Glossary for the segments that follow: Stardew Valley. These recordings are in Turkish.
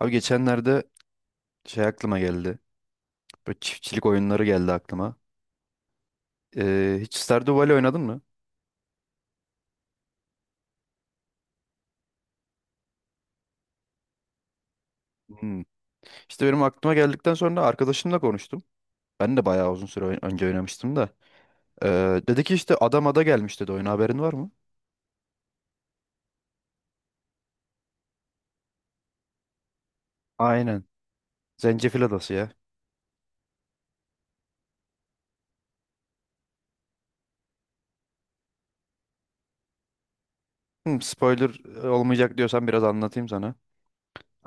Abi geçenlerde şey aklıma geldi. Böyle çiftçilik oyunları geldi aklıma. Hiç Stardew Valley oynadın mı? Hmm. İşte benim aklıma geldikten sonra arkadaşımla konuştum. Ben de bayağı uzun süre önce oynamıştım da. Dedi ki işte adam ada gelmiş dedi oyuna haberin var mı? Aynen. Zencefil adası ya. Spoiler olmayacak diyorsan biraz anlatayım sana.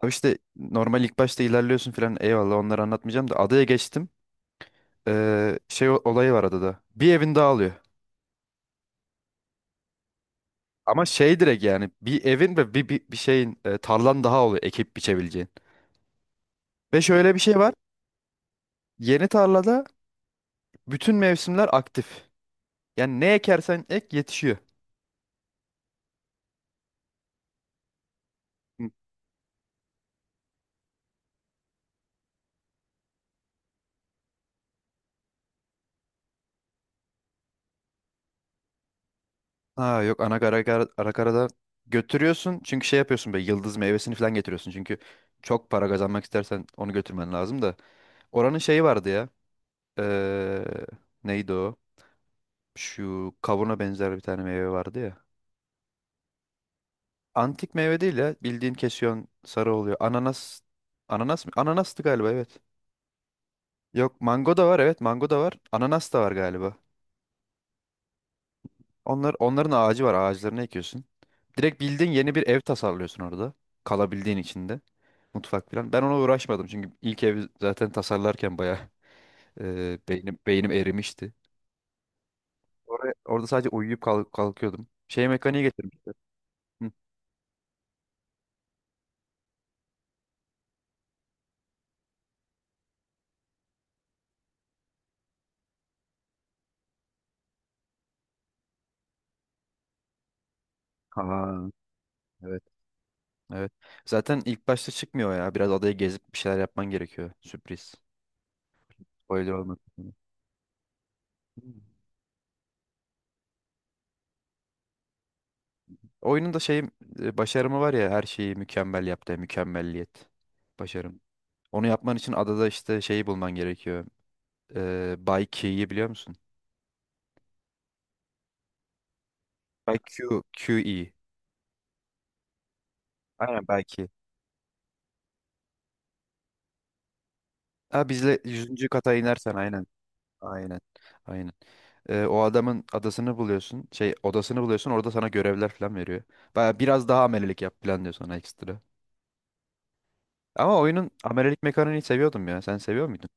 Abi işte normal ilk başta ilerliyorsun filan eyvallah onları anlatmayacağım da adaya geçtim. Şey olayı var adada. Bir evin dağılıyor. Ama şey direkt yani bir evin ve bir şeyin tarlan daha oluyor ekip biçebileceğin. Ve şöyle bir şey var. Yeni tarlada bütün mevsimler aktif. Yani ne ekersen ek yetişiyor. Hı. Ha yok ana karada götürüyorsun. Çünkü şey yapıyorsun be yıldız meyvesini falan getiriyorsun. Çünkü çok para kazanmak istersen onu götürmen lazım da. Oranın şeyi vardı ya. Eee, Neydi o? Şu kavuna benzer bir tane meyve vardı ya. Antik meyve değil ya. Bildiğin kesiyorsun sarı oluyor. Ananas. Ananas mı? Ananastı galiba evet. Yok mango da var evet mango da var. Ananas da var galiba. Onlar, onların ağacı var ağaçlarını ekiyorsun. Direkt bildiğin yeni bir ev tasarlıyorsun orada. Kalabildiğin içinde. Mutfak falan. Ben ona uğraşmadım çünkü ilk evi zaten tasarlarken bayağı beynim erimişti. Orada sadece uyuyup kalkıyordum. Şey mekaniği getirmişler. Aa, evet, evet. Zaten ilk başta çıkmıyor ya. Biraz adayı gezip bir şeyler yapman gerekiyor. Sürpriz. Spoiler olmasın diye. Oyunun da şey başarımı var ya her şeyi mükemmel yaptı. Mükemmelliyet. Başarım. Onu yapman için adada işte şeyi bulman gerekiyor. Bay Key'i biliyor musun? Belki Q, QE. Aynen belki. Ha bizle 100. kata inersen aynen. Aynen. Aynen. O adamın adasını buluyorsun. Şey odasını buluyorsun. Orada sana görevler falan veriyor. Baya biraz daha amelelik yap falan diyor sana ekstra. Ama oyunun amelelik mekaniğini seviyordum ya. Sen seviyor muydun?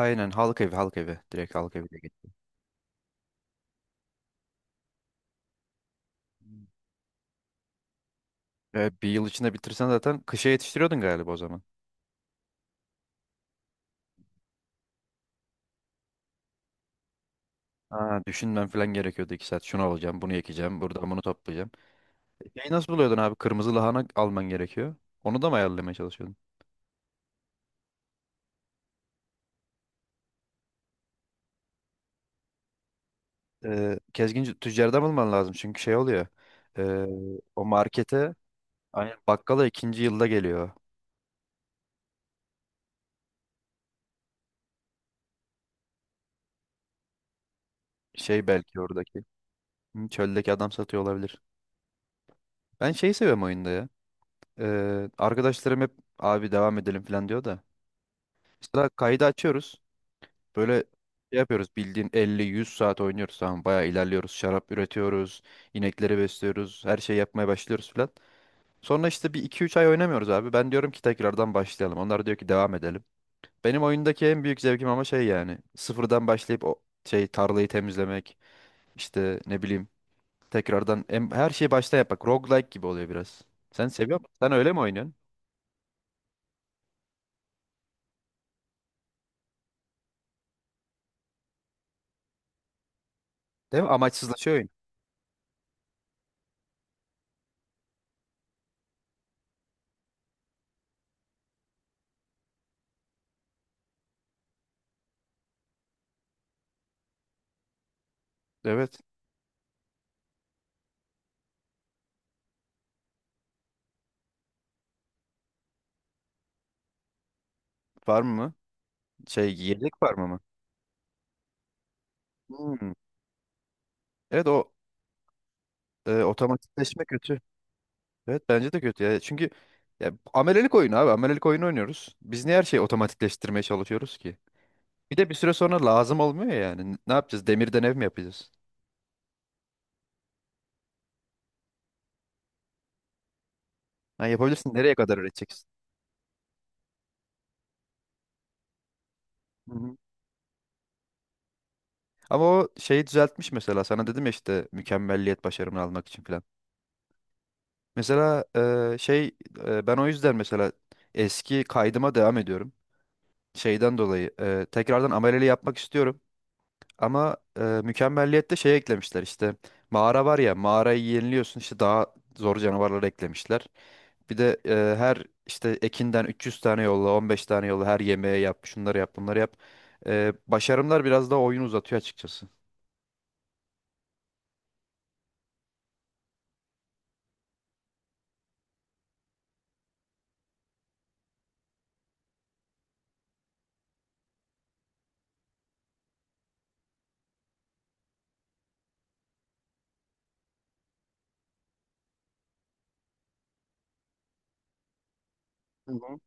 Aynen halk evi halk evi. Direkt halk evi git. Bir yıl içinde bitirsen zaten kışa yetiştiriyordun galiba o zaman. Ha, düşünmem falan gerekiyordu 2 saat. Şunu alacağım, bunu ekeceğim, buradan bunu toplayacağım. Şeyi nasıl buluyordun abi? Kırmızı lahana alman gerekiyor. Onu da mı ayarlamaya çalışıyordun? Kezgin tüccardan bulman lazım çünkü şey oluyor. Ee, O markete aynen bakkala ikinci yılda geliyor. Şey belki oradaki. Hı, Çöldeki adam satıyor olabilir. Ben şeyi seviyorum oyunda ya. Arkadaşlarım hep abi devam edelim falan diyor da. Mesela kaydı açıyoruz. Böyle şey yapıyoruz bildiğin 50-100 saat oynuyoruz tamam bayağı ilerliyoruz. Şarap üretiyoruz. İnekleri besliyoruz. Her şeyi yapmaya başlıyoruz falan. Sonra işte bir iki üç ay oynamıyoruz abi. Ben diyorum ki tekrardan başlayalım. Onlar diyor ki devam edelim. Benim oyundaki en büyük zevkim ama şey yani sıfırdan başlayıp o şey tarlayı temizlemek işte ne bileyim tekrardan her şeyi baştan yapmak. Roguelike gibi oluyor biraz. Sen seviyor musun? Sen öyle mi oynuyorsun? Değil mi? Amaçsızlaşıyor oyun. Evet. Farm mı? Şey yiyecek farmı mı? Hmm. Evet o otomatikleşme kötü. Evet bence de kötü ya. Çünkü ya, amelelik oyunu abi. Amelelik oyunu oynuyoruz. Biz niye her şeyi otomatikleştirmeye çalışıyoruz ki? Bir de bir süre sonra lazım olmuyor yani. Ne yapacağız? Demirden ev mi yapacağız? Ha, yapabilirsin. Nereye kadar üreteceksin? Hı hı. Ama o şeyi düzeltmiş mesela. Sana dedim ya işte mükemmelliyet başarımını almak için falan. Mesela şey ben o yüzden mesela eski kaydıma devam ediyorum. Şeyden dolayı tekrardan ameleli yapmak istiyorum. Ama mükemmelliyette şey eklemişler işte mağara var ya mağarayı yeniliyorsun işte daha zor canavarları eklemişler. Bir de her işte ekinden 300 tane yolla 15 tane yolla her yemeğe yap şunları yap bunları yap. Başarımlar biraz daha oyunu uzatıyor açıkçası. Hı hı.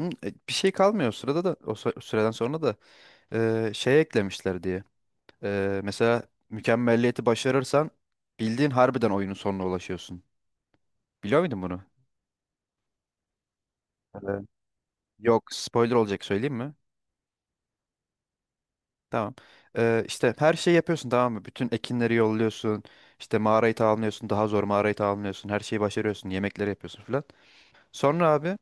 Hı, Bir şey kalmıyor o sırada da o süreden sonra da şey eklemişler diye. Mesela mükemmelliyeti başarırsan bildiğin harbiden oyunun sonuna ulaşıyorsun. Biliyor muydun bunu? Evet. Yok spoiler olacak söyleyeyim mi? Tamam. İşte her şeyi yapıyorsun tamam mı? Bütün ekinleri yolluyorsun. İşte mağarayı tamamlıyorsun. Daha zor mağarayı tamamlıyorsun. Her şeyi başarıyorsun. Yemekleri yapıyorsun falan. Sonra abi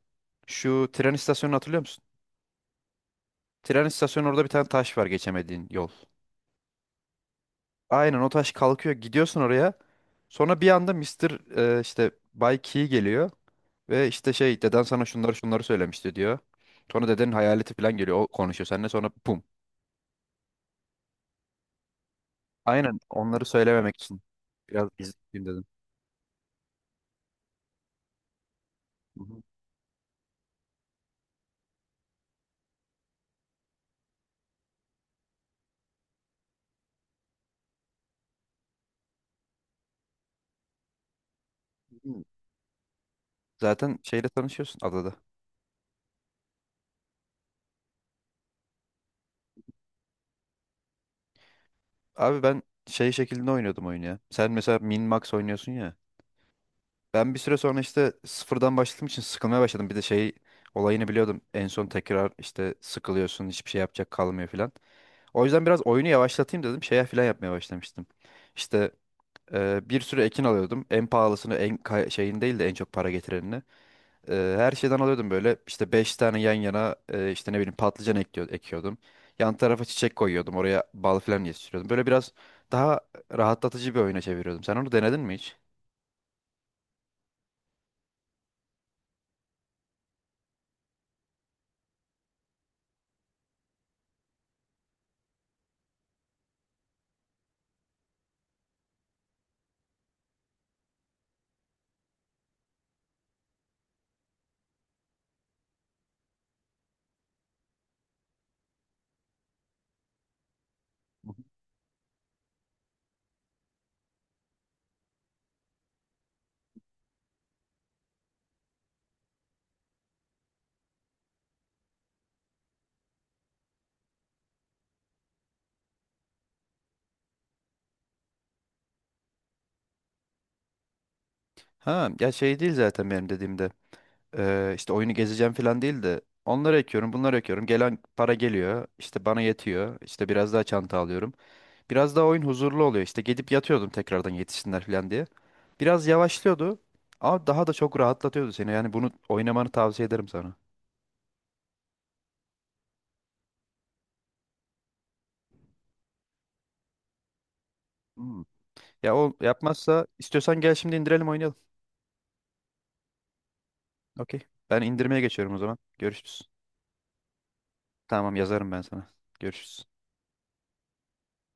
şu tren istasyonunu hatırlıyor musun? Tren istasyonu orada bir tane taş var geçemediğin yol. Aynen o taş kalkıyor. Gidiyorsun oraya. Sonra bir anda Mister işte Bay Key geliyor. Ve işte şey deden sana şunları şunları söylemişti diyor. Sonra dedenin hayaleti falan geliyor. O konuşuyor seninle sonra pum. Aynen onları söylememek için. Biraz gizliyim dedim. Hı hı. Zaten şeyle tanışıyorsun adada. Abi ben şey şeklinde oynuyordum oyunu ya. Sen mesela min max oynuyorsun ya. Ben bir süre sonra işte sıfırdan başladığım için sıkılmaya başladım. Bir de şey olayını biliyordum. En son tekrar işte sıkılıyorsun hiçbir şey yapacak kalmıyor filan. O yüzden biraz oyunu yavaşlatayım dedim. Şeye filan yapmaya başlamıştım. İşte bir sürü ekin alıyordum. En pahalısını en şeyin değil de en çok para getirenini. Her şeyden alıyordum böyle. İşte 5 tane yan yana işte ne bileyim patlıcan ekiyordum. Yan tarafa çiçek koyuyordum. Oraya bal falan yetiştiriyordum. Böyle biraz daha rahatlatıcı bir oyuna çeviriyordum. Sen onu denedin mi hiç? Ha ya şey değil zaten benim dediğimde. İşte oyunu gezeceğim falan değil de onları ekiyorum, bunları ekiyorum. Gelen para geliyor. İşte bana yetiyor. İşte biraz daha çanta alıyorum. Biraz daha oyun huzurlu oluyor. İşte gidip yatıyordum tekrardan yetişsinler falan diye. Biraz yavaşlıyordu ama daha da çok rahatlatıyordu seni. Yani bunu oynamanı tavsiye ederim sana. Hmm. Ya o yapmazsa istiyorsan gel şimdi indirelim oynayalım. Okey. Ben indirmeye geçiyorum o zaman. Görüşürüz. Tamam yazarım ben sana. Görüşürüz.